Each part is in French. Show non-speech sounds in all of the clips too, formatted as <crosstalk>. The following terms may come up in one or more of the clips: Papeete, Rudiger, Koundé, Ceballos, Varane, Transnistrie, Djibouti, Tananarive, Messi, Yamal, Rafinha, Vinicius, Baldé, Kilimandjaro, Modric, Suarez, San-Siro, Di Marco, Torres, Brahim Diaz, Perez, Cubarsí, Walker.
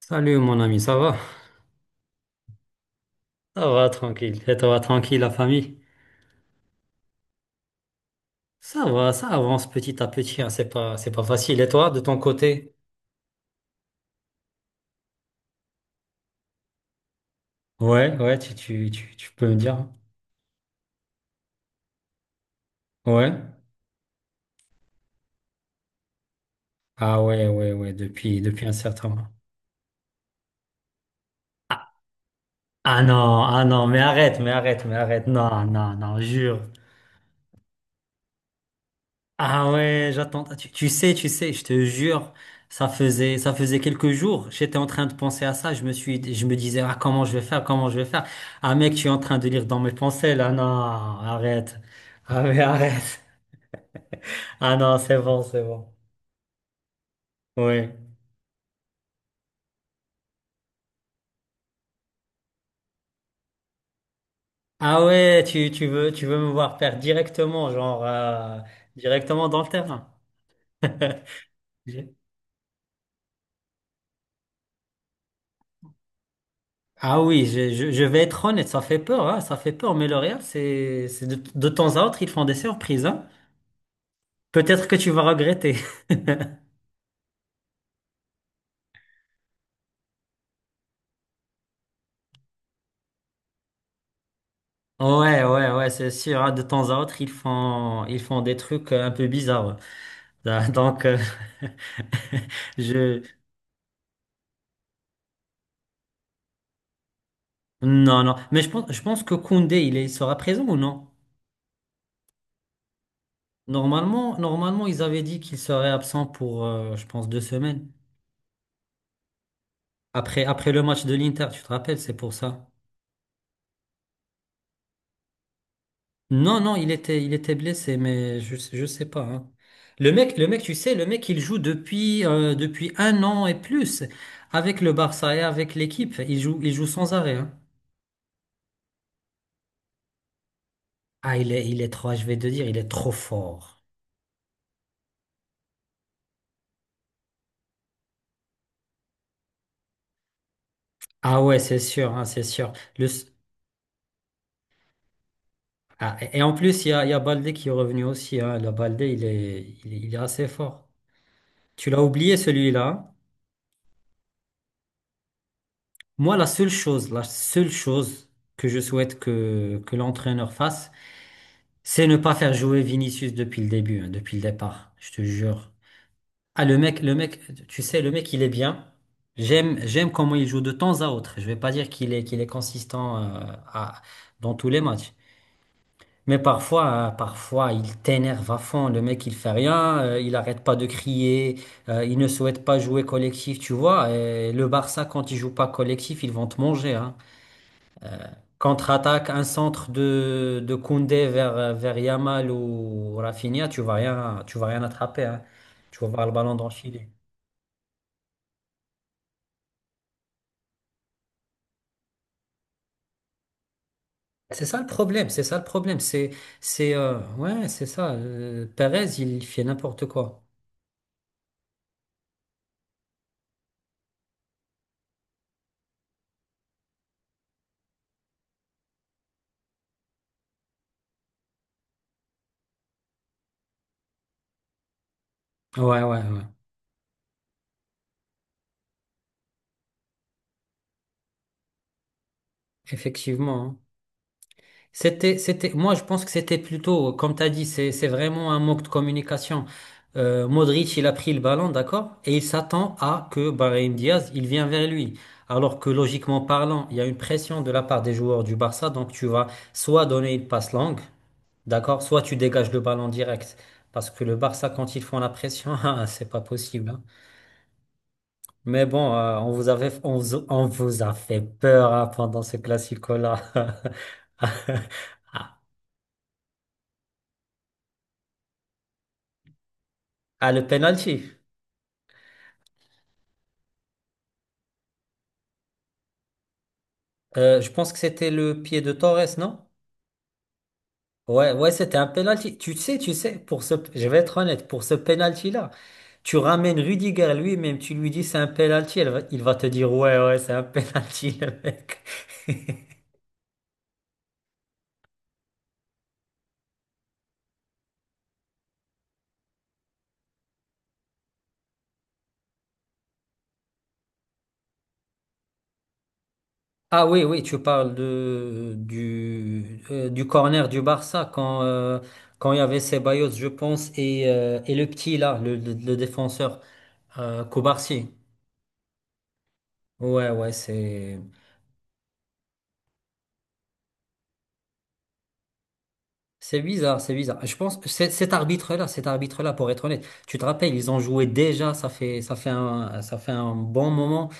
Salut mon ami, ça va? Ça va, tranquille. Et toi, tranquille, la famille? Ça va, ça avance petit à petit, hein. C'est pas facile. Et toi, de ton côté? Ouais, ouais, tu peux me dire. Ouais. Ah ouais, ouais, ouais, depuis un certain moment. Ah non, ah non, mais arrête, mais arrête, mais arrête. Non, non, non, jure. Ah ouais, j'attends. Ah, tu sais, je te jure, ça faisait quelques jours. J'étais en train de penser à ça. Je me disais, ah, comment je vais faire, comment je vais faire. Ah mec, tu es en train de lire dans mes pensées là. Non, arrête. Ah mais arrête. Ah non, c'est bon, c'est bon. Oui. Ah ouais, tu veux me voir faire directement, genre directement dans le terrain. <laughs> J'ai- Ah oui, je vais être honnête, ça fait peur, hein, ça fait peur. Mais le Real, c'est de temps à autre, ils font des surprises, hein. Peut-être que tu vas regretter. <laughs> Ouais, ouais, ouais, c'est sûr, hein. De temps à autre, ils font des trucs un peu bizarres. <laughs> Donc, <laughs> je, non, non. Mais je pense que Koundé, il est, il sera présent ou non? Normalement, normalement, ils avaient dit qu'il serait absent pour, je pense, 2 semaines. Après, après le match de l'Inter, tu te rappelles, c'est pour ça. Non, non, il était blessé, mais je sais pas, hein. Le mec, tu sais, le mec, il joue depuis, depuis 1 an et plus avec le Barça et avec l'équipe. Il joue sans arrêt, hein. Ah, il est trop, je vais te dire, il est trop fort. Ah ouais, c'est sûr, hein, c'est sûr. Le, s- ah, et en plus, il y a Baldé qui est revenu aussi. Hein. Le Baldé, il est, il est, il est assez fort. Tu l'as oublié celui-là, hein. Moi, la seule chose que je souhaite que l'entraîneur fasse, c'est ne pas faire jouer Vinicius depuis le début, hein, depuis le départ, je te jure. Ah, le mec, tu sais, le mec, il est bien. J'aime comment il joue de temps à autre. Je vais pas dire qu'il est consistant, à- dans tous les matchs. Mais parfois, parfois, il t'énerve à fond. Le mec, il fait rien, il arrête pas de crier, il ne souhaite pas jouer collectif, tu vois. Et le Barça, quand il joue pas collectif, ils vont te manger, hein. Contre-attaque, un centre de Koundé vers Yamal ou Rafinha, tu vas rien attraper, hein. Tu vas voir le ballon dans le filet. C'est ça le problème, c'est ça le problème. C'est ça. Perez, il fait n'importe quoi. Ouais, ouais, ouais. Effectivement, hein. Moi, je pense que c'était plutôt, comme tu as dit, c'est vraiment un manque de communication. Modric, il a pris le ballon, d'accord? Et il s'attend à que Brahim Diaz, il vient vers lui. Alors que logiquement parlant, il y a une pression de la part des joueurs du Barça, donc tu vas soit donner une passe longue, d'accord? Soit tu dégages le ballon direct. Parce que le Barça, quand ils font la pression, <laughs> ah, c'est pas possible, hein. Mais bon, on vous avait, on vous a fait peur, hein, pendant ce classico-là. <laughs> Ah, le penalty. Je pense que c'était le pied de Torres, non? Ouais, ouais, c'était un penalty. Tu sais, je vais être honnête, pour ce penalty-là, tu ramènes Rudiger lui-même, tu lui dis c'est un penalty, il va te dire ouais, ouais, c'est un <laughs> penalty, le mec. Ah oui, oui, tu parles de du corner du Barça quand quand il y avait Ceballos, je pense, et et le petit là, le défenseur Cubarsí. Ouais, ouais, c'est. C'est bizarre, c'est bizarre. Je pense que c'est- cet arbitre-là, pour être honnête, tu te rappelles, ils ont joué déjà, ça fait un bon moment.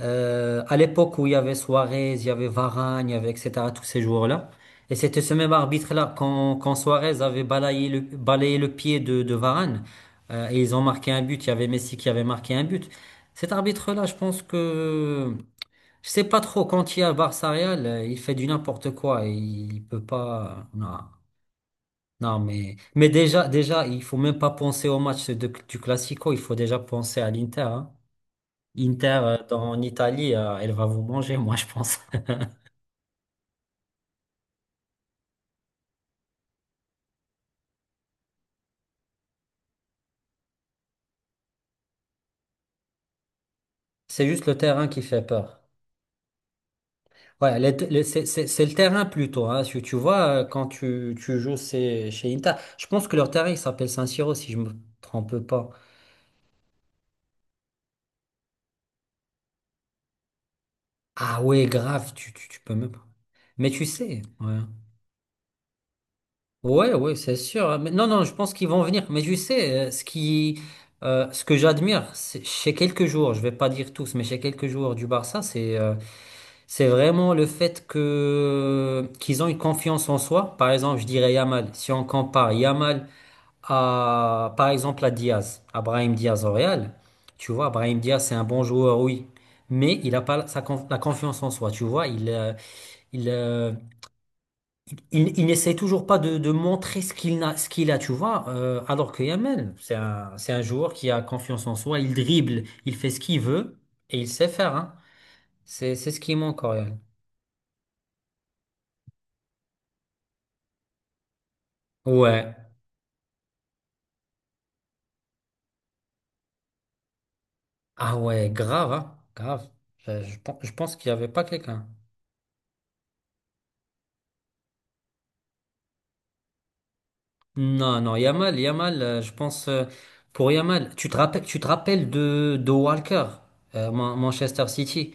À l'époque où il y avait Suarez, il y avait Varane, il y avait etc., tous ces joueurs-là. Et c'était ce même arbitre-là, quand Suarez avait balayé balayé le pied de Varane, et ils ont marqué un but, il y avait Messi qui avait marqué un but. Cet arbitre-là, je sais pas trop, quand il y a Barça-Real, il fait du n'importe quoi, et il peut pas, non. Non, mais déjà, déjà, il faut même pas penser du Classico, il faut déjà penser à l'Inter, hein. Inter, en Italie, elle va vous manger, moi, je pense. <laughs> C'est juste le terrain qui fait peur. Ouais, c'est le terrain plutôt. Hein. Tu vois, quand tu joues chez Inter, je pense que leur terrain, il s'appelle San-Siro, si je me trompe pas. Ah ouais, grave, tu peux même pas. Mais tu sais, ouais. Ouais, ouais, c'est sûr, hein. Mais non, non, je pense qu'ils vont venir. Mais je sais, ce que j'admire chez quelques joueurs, je vais pas dire tous, mais chez quelques joueurs du Barça, c'est vraiment le fait que qu'ils ont une confiance en soi. Par exemple, je dirais Yamal. Si on compare Yamal à, par exemple, à Diaz, à Brahim Diaz au Real, tu vois, Brahim Diaz, c'est un bon joueur, oui, mais il a pas la confiance en soi. Tu vois, il, euh, il n'essaie toujours pas de montrer ce qu'il a, tu vois. Alors que Yamal, c'est un joueur qui a confiance en soi, il dribble, il fait ce qu'il veut et il sait faire, hein. C'est ce qui manque, Auriel. Ouais. Ah ouais, grave, hein. Grave. Je pense qu'il n'y avait pas quelqu'un. Non, non, Yamal, Yamal, pour Yamal, tu te rappelles de Walker, Manchester City.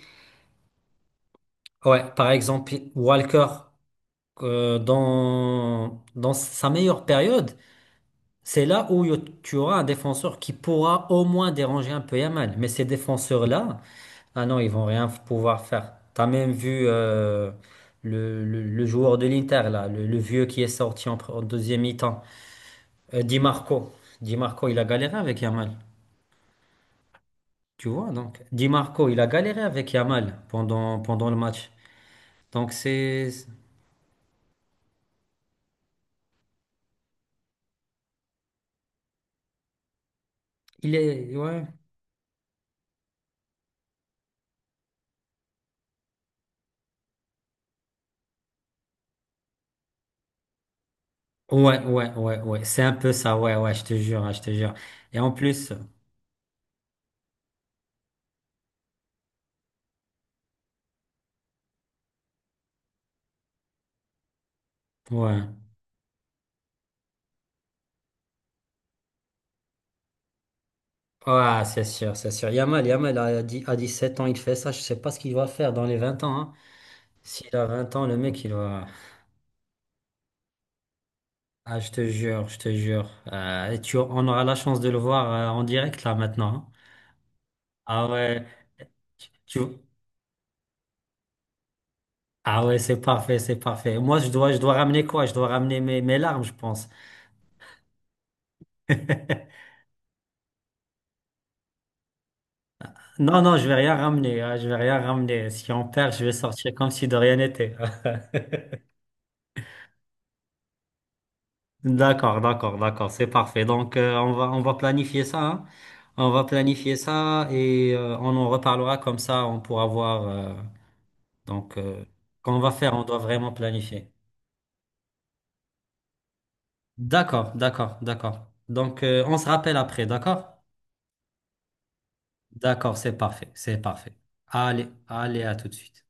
Ouais, par exemple, Walker. Dans sa meilleure période, c'est là où y- tu auras un défenseur qui pourra au moins déranger un peu Yamal. Mais ces défenseurs-là, ah non, ils vont rien pouvoir faire. T'as même vu le joueur de l'Inter, là, le vieux qui est sorti en deuxième mi-temps, Di Marco. Di Marco, il a galéré avec Yamal. Tu vois, donc, Di Marco, il a galéré avec Yamal pendant le match. Donc, c'est, il est, ouais. Ouais, ouais, ouais, ouais. C'est un peu ça, ouais, ouais, je te jure, ouais, je te jure. Et en plus, ouais. Ouais, c'est sûr, c'est sûr. Yamal à 7 ans, il fait ça. Je sais pas ce qu'il va faire dans les 20 ans, hein. S'il a 20 ans, le mec, il va. Ah, je te jure, je te jure. Et on aura la chance de le voir en direct là maintenant, hein. Ah ouais, tu, tu- ah ouais, c'est parfait, c'est parfait. Moi, je dois ramener quoi? Je dois ramener mes larmes, je pense. Non, non, je vais rien ramener, hein, je vais rien ramener. Si on perd, je vais sortir comme si de rien n'était. D'accord, d'accord, d'accord, c'est parfait. Donc, on va planifier ça, hein. On va planifier ça et on en reparlera comme ça, on pourra voir. Donc, euh, qu'on va faire, on doit vraiment planifier. D'accord, d'accord, d'accord. Donc, on se rappelle après, d'accord? D'accord, c'est parfait, c'est parfait. Allez, allez, à tout de suite.